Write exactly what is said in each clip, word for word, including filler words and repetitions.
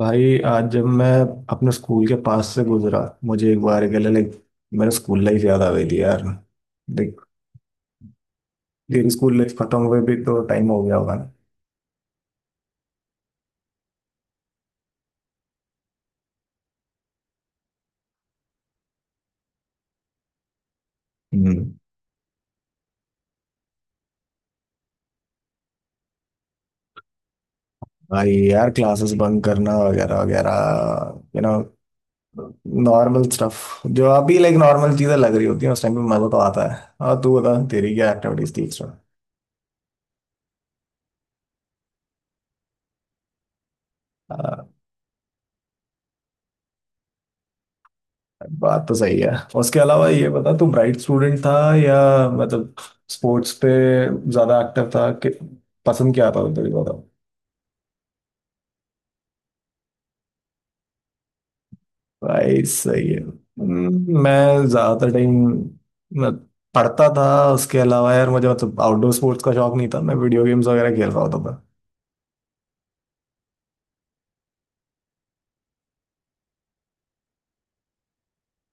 भाई आज जब मैं अपने स्कूल के पास से गुजरा मुझे एक बार के लिए लाइक मेरा स्कूल लाइफ याद आ गई थी यार। देख तेरी स्कूल लाइफ खत्म हुए भी तो टाइम हो गया होगा ना। हम्म। भाई यार क्लासेस बंक करना वगैरह वगैरह यू नो नॉर्मल स्टफ। जो अभी लाइक नॉर्मल चीजें लग रही होती हैं उस टाइम पे मजा तो आता है। और तू बता तेरी क्या एक्टिविटीज थी एक्स्ट्रा? बात तो सही है। उसके अलावा ये बता तू ब्राइट स्टूडेंट था या मतलब स्पोर्ट्स पे ज्यादा एक्टिव था कि पसंद क्या था तेरे को बताओ। भाई सही है। हम्म, मैं ज्यादातर टाइम पढ़ता था। उसके अलावा यार मुझे मतलब आउटडोर स्पोर्ट्स का शौक नहीं था, मैं वीडियो गेम्स वगैरह खेल रहा होता था।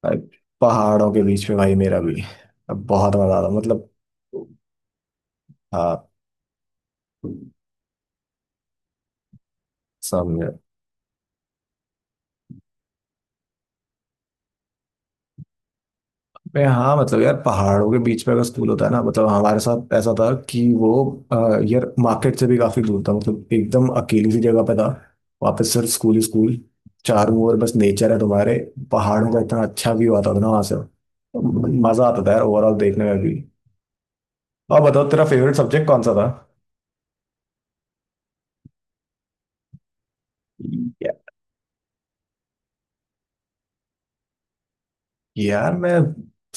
भाई पहाड़ों के बीच में, भाई मेरा भी। अब बहुत मजा आता मतलब। हाँ, समझ। मैं हाँ मतलब यार पहाड़ों के बीच में अगर स्कूल होता है ना, मतलब हमारे साथ ऐसा था कि वो अ, यार मार्केट से भी काफी दूर था, मतलब एकदम अकेली सी जगह पे था। वहाँ पे सिर्फ स्कूल ही स्कूल, चारों ओर बस नेचर है तुम्हारे। पहाड़ों का इतना अच्छा व्यू आता था ना वहाँ से। मजा आता था यार, ओवरऑल देखने में भी। और बताओ तेरा फेवरेट सब्जेक्ट कौन सा था? या- यार मैं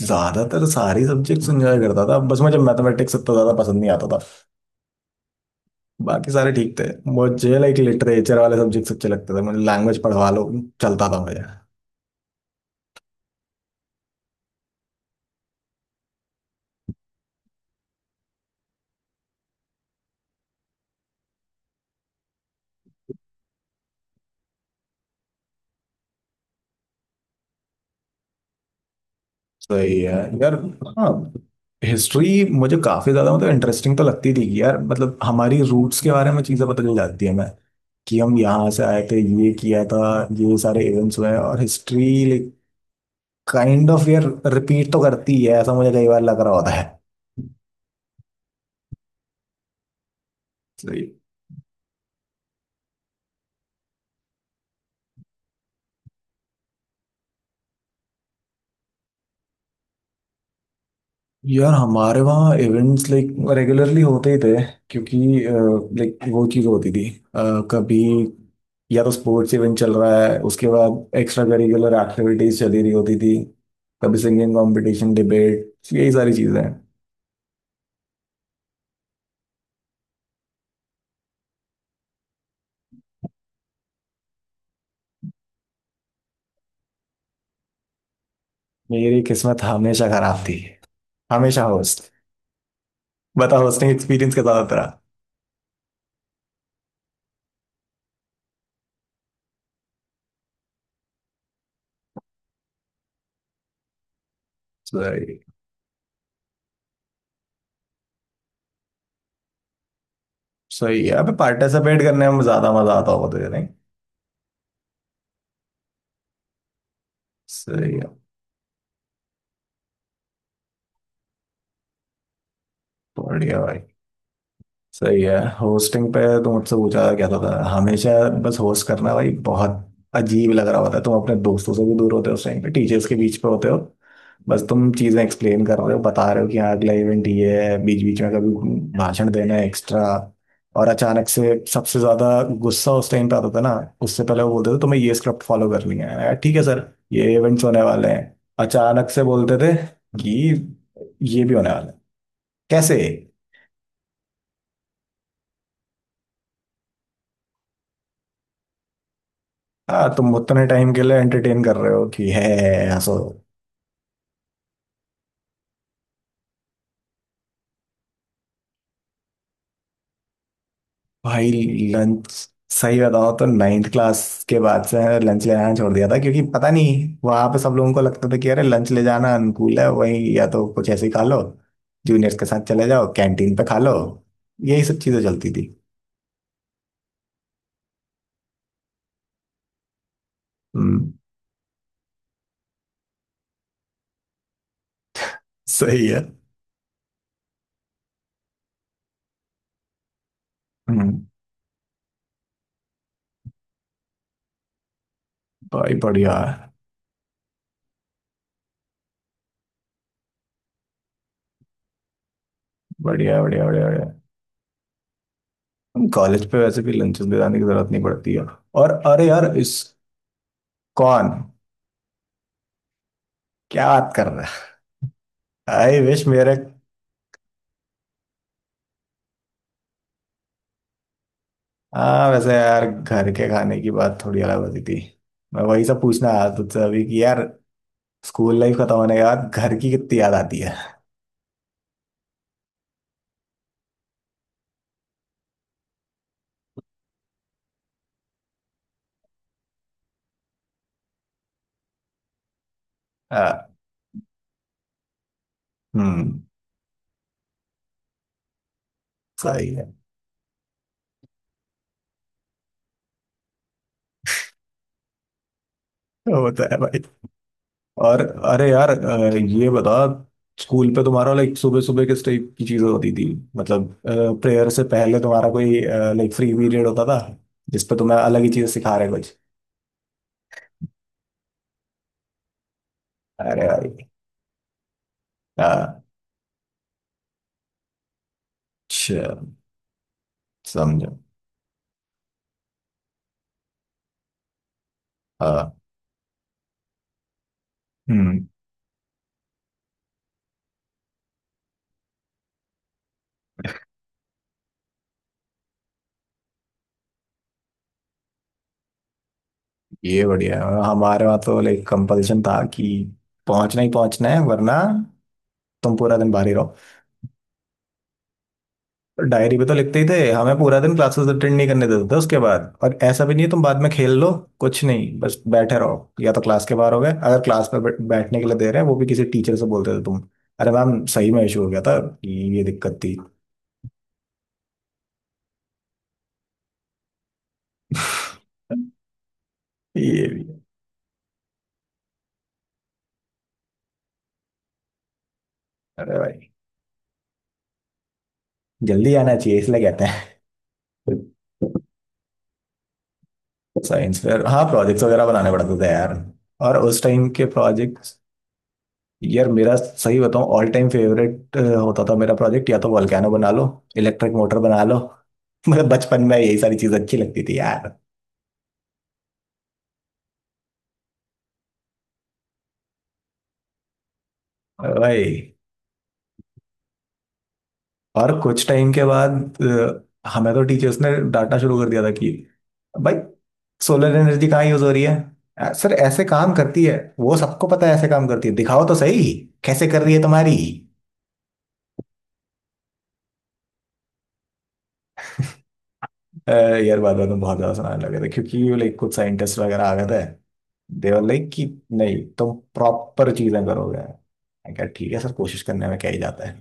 ज्यादातर सारे सब्जेक्ट्स एंजॉय करता था, बस मुझे मैथमेटिक्स इतना ज्यादा पसंद नहीं आता। बाकी सारे ठीक थे। मुझे लाइक लिटरेचर वाले सब्जेक्ट अच्छे लगते थे, मुझे लैंग्वेज पढ़वा लो चलता था मुझे। सही है यार। हाँ। हिस्ट्री मुझे काफी ज्यादा मतलब इंटरेस्टिंग तो लगती थी कि यार मतलब हमारी रूट्स के बारे में चीजें पता चल जाती है मैं, कि हम यहाँ से आए थे, ये किया था, ये सारे इवेंट्स हुए हैं। और हिस्ट्री लाइक काइंड ऑफ यार रिपीट तो करती है, ऐसा मुझे कई बार लग रहा होता है। सही। यार हमारे वहाँ इवेंट्स लाइक रेगुलरली होते ही थे, क्योंकि लाइक वो चीज़ होती थी अ, कभी या तो स्पोर्ट्स इवेंट चल रहा है, उसके बाद एक्स्ट्रा करिकुलर एक्टिविटीज चली रही होती थी। कभी सिंगिंग कंपटीशन डिबेट, यही सारी चीज़ें हैं। मेरी किस्मत हमेशा खराब थी, हमेशा होस्ट। बता होस्टिंग एक्सपीरियंस के साथ रहा? सही। सही है। अबे पार्टिसिपेट करने में ज़्यादा मज़ा आता होगा तुझे नहीं? सही है। बढ़िया भाई। सही है, होस्टिंग पे तो मुझसे पूछा क्या था क्या था हमेशा। बस होस्ट करना भाई बहुत अजीब लग रहा होता है। तुम अपने दोस्तों से भी दूर होते हो, उस टाइम पे टीचर्स के बीच पे होते हो। बस तुम चीजें एक्सप्लेन कर रहे हो, बता रहे हो कि हाँ अगला इवेंट ये है, बीच बीच में कभी भाषण देना है एक्स्ट्रा। और अचानक से सबसे ज्यादा गुस्सा उस टाइम पे आता था ना। उससे पहले वो बोलते थे तुम्हें ये स्क्रिप्ट फॉलो करनी है, मैंने कहा, ठीक है सर ये इवेंट्स होने वाले हैं। अचानक से बोलते थे कि ये भी होने वाला है, कैसे? हाँ, तुम उतने टाइम के लिए एंटरटेन कर रहे हो कि है, हंसो। भाई लंच सही बताओ तो नाइन्थ क्लास के बाद से लंच ले जाना छोड़ दिया था, क्योंकि पता नहीं वहां पे सब लोगों को लगता था कि अरे लंच ले जाना अनुकूल है, वही या तो कुछ ऐसे ही खा लो, जूनियर्स के साथ चले जाओ कैंटीन पे खा लो, यही सब चीजें चलती थी। हम्म, सही है। हम्म, भाई बढ़िया बढ़िया बढ़िया बढ़िया बढ़िया। कॉलेज पे वैसे भी लंचेस ले जाने की जरूरत नहीं पड़ती है। और अरे यार इस कौन? क्या बात कर रहा है? आई विश मेरे। हाँ वैसे यार घर के खाने की बात थोड़ी अलग होती थी। मैं वही सब पूछना आया तुझसे अभी कि यार स्कूल लाइफ खत्म होने के बाद घर की कितनी याद आती है। हाँ, हम्म, सही है। वो तो है भाई। और अरे यार अ, ये बता स्कूल पे तुम्हारा लाइक सुबह सुबह किस टाइप की चीजें होती थी, मतलब प्रेयर से पहले तुम्हारा कोई लाइक फ्री पीरियड होता था जिसपे तुम्हें अलग ही चीजें सिखा रहे कुछ। अरे भाई। हाँ, अच्छा, समझो। हाँ। हम्म। ये बढ़िया है। हमारे वहाँ तो लाइक कंपल्सन था कि पहुंचना ही पहुंचना है, वरना तुम पूरा दिन बाहर ही रहो। डायरी पे तो लिखते ही थे, हमें पूरा दिन क्लासेस अटेंड नहीं करने देते थे उसके बाद। और ऐसा भी नहीं तुम बाद में खेल लो, कुछ नहीं बस बैठे रहो, या तो क्लास के बाहर हो गए, अगर क्लास में बै- बैठने के लिए दे रहे हैं वो भी किसी टीचर से बोलते थे तुम, अरे मैम सही में इशू हो गया था, ये दिक्कत थी। ये भी है। अरे भाई जल्दी आना चाहिए इसलिए कहते हैं। साइंस फेयर, हाँ, प्रोजेक्ट्स वगैरह बनाने पड़ते थे यार। और उस टाइम के प्रोजेक्ट, यार मेरा सही बताऊं ऑल टाइम फेवरेट होता था मेरा प्रोजेक्ट, या तो वोल्केनो बना लो, इलेक्ट्रिक मोटर बना लो। मतलब बचपन में यही सारी चीज अच्छी लगती थी यार। भाई। और कुछ टाइम के बाद अ, हमें तो टीचर्स ने डांटना शुरू कर दिया था कि भाई सोलर एनर्जी कहाँ यूज हो रही है। अ, सर ऐसे काम करती है वो सबको पता है, ऐसे काम करती है दिखाओ तो सही, कैसे कर रही है तुम्हारी? अ, यार बाद में तो बहुत ज्यादा सुनाने लगे थे, क्योंकि लाइक कुछ साइंटिस्ट वगैरह आ गए थे देवर लाइक कि नहीं तुम प्रॉपर चीजें करोगे, मैं कहा ठीक है सर कोशिश करने में क्या ही जाता है।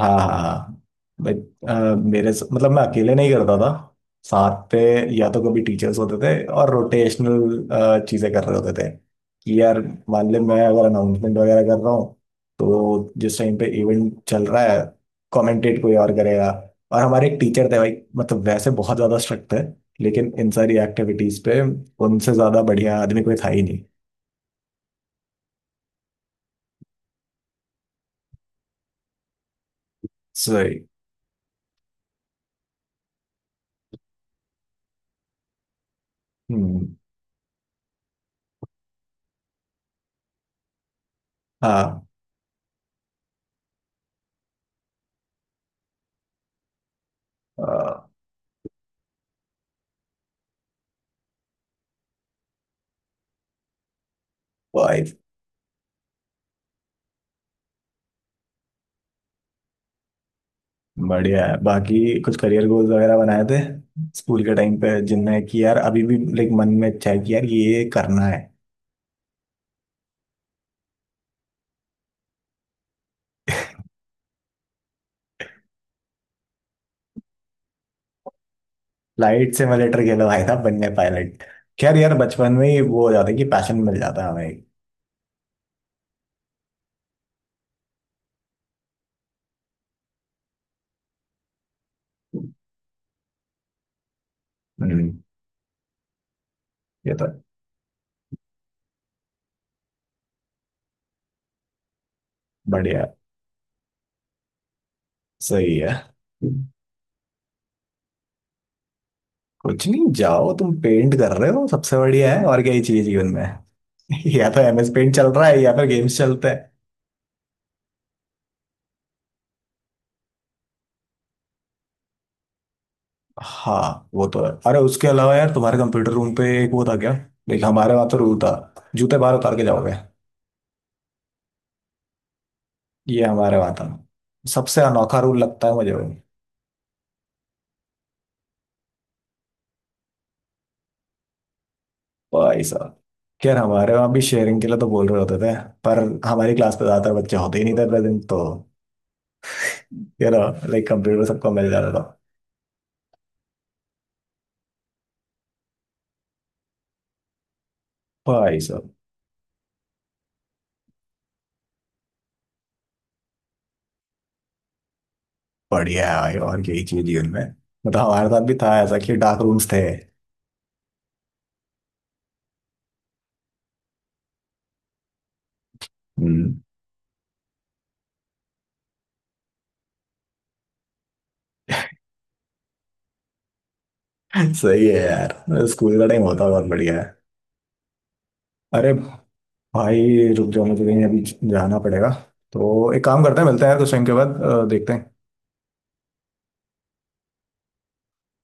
हाँ, हाँ, हाँ। भाई अ, मेरे स- मतलब मैं अकेले नहीं करता था, साथ पे या तो कभी टीचर्स होते थे और रोटेशनल चीजें कर रहे होते थे कि यार मान ले मैं अगर अनाउंसमेंट वगैरह कर रहा हूँ, तो जिस टाइम पे इवेंट चल रहा है कमेंटेट कोई और करेगा। और हमारे एक टीचर थे भाई, मतलब वैसे बहुत ज्यादा स्ट्रिक्ट थे, लेकिन इन सारी एक्टिविटीज पे उनसे ज्यादा बढ़िया आदमी कोई था ही नहीं। सही। हम्म। हाँ। बढ़िया है, बाकी कुछ करियर गोल्स वगैरह बनाए थे स्कूल के टाइम पे जिनमें कि यार अभी भी लाइक मन में इच्छा है कि यार ये करना है? फ्लाइट सिमुलेटर खेलो भाई साहब बनने पायलट। खैर यार बचपन में ही वो हो जाता है कि पैशन मिल जाता है हमें। हम्म। ये तो बढ़िया है, सही है। कुछ नहीं जाओ, तुम पेंट कर रहे हो सबसे बढ़िया है, और क्या ही चाहिए जीवन में। या तो एम एस पेंट चल रहा है या फिर गेम्स चलते। हाँ वो तो है। अरे उसके अलावा यार तुम्हारे कंप्यूटर रूम पे एक वो था क्या? देख हमारे वहां तो रूल था, जूते बाहर उतार के जाओगे। ये हमारे वहां था, सबसे अनोखा रूल लगता है मुझे वो। भाई साहब, यार हमारे वहां भी शेयरिंग के लिए तो बोल रहे होते थे, पर हमारी क्लास पे ज्यादातर बच्चे होते ही नहीं थे प्रेजेंट, तो यार लाइक कंप्यूटर सबको मिल जाता था। भाई साहब बढ़िया है भाई। और यही चीज जीवन में, मतलब हमारे साथ भी था ऐसा कि डार्क रूम्स थे। हम्म। सही है यार, स्कूल का टाइम होता बहुत बढ़िया है। अरे भाई रुक जाओ, मुझे कहीं अभी जाना पड़ेगा। तो एक काम करते हैं, मिलते हैं यार कुछ टाइम के बाद, अ, देखते हैं।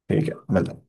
ठीक है, मिलते हैं।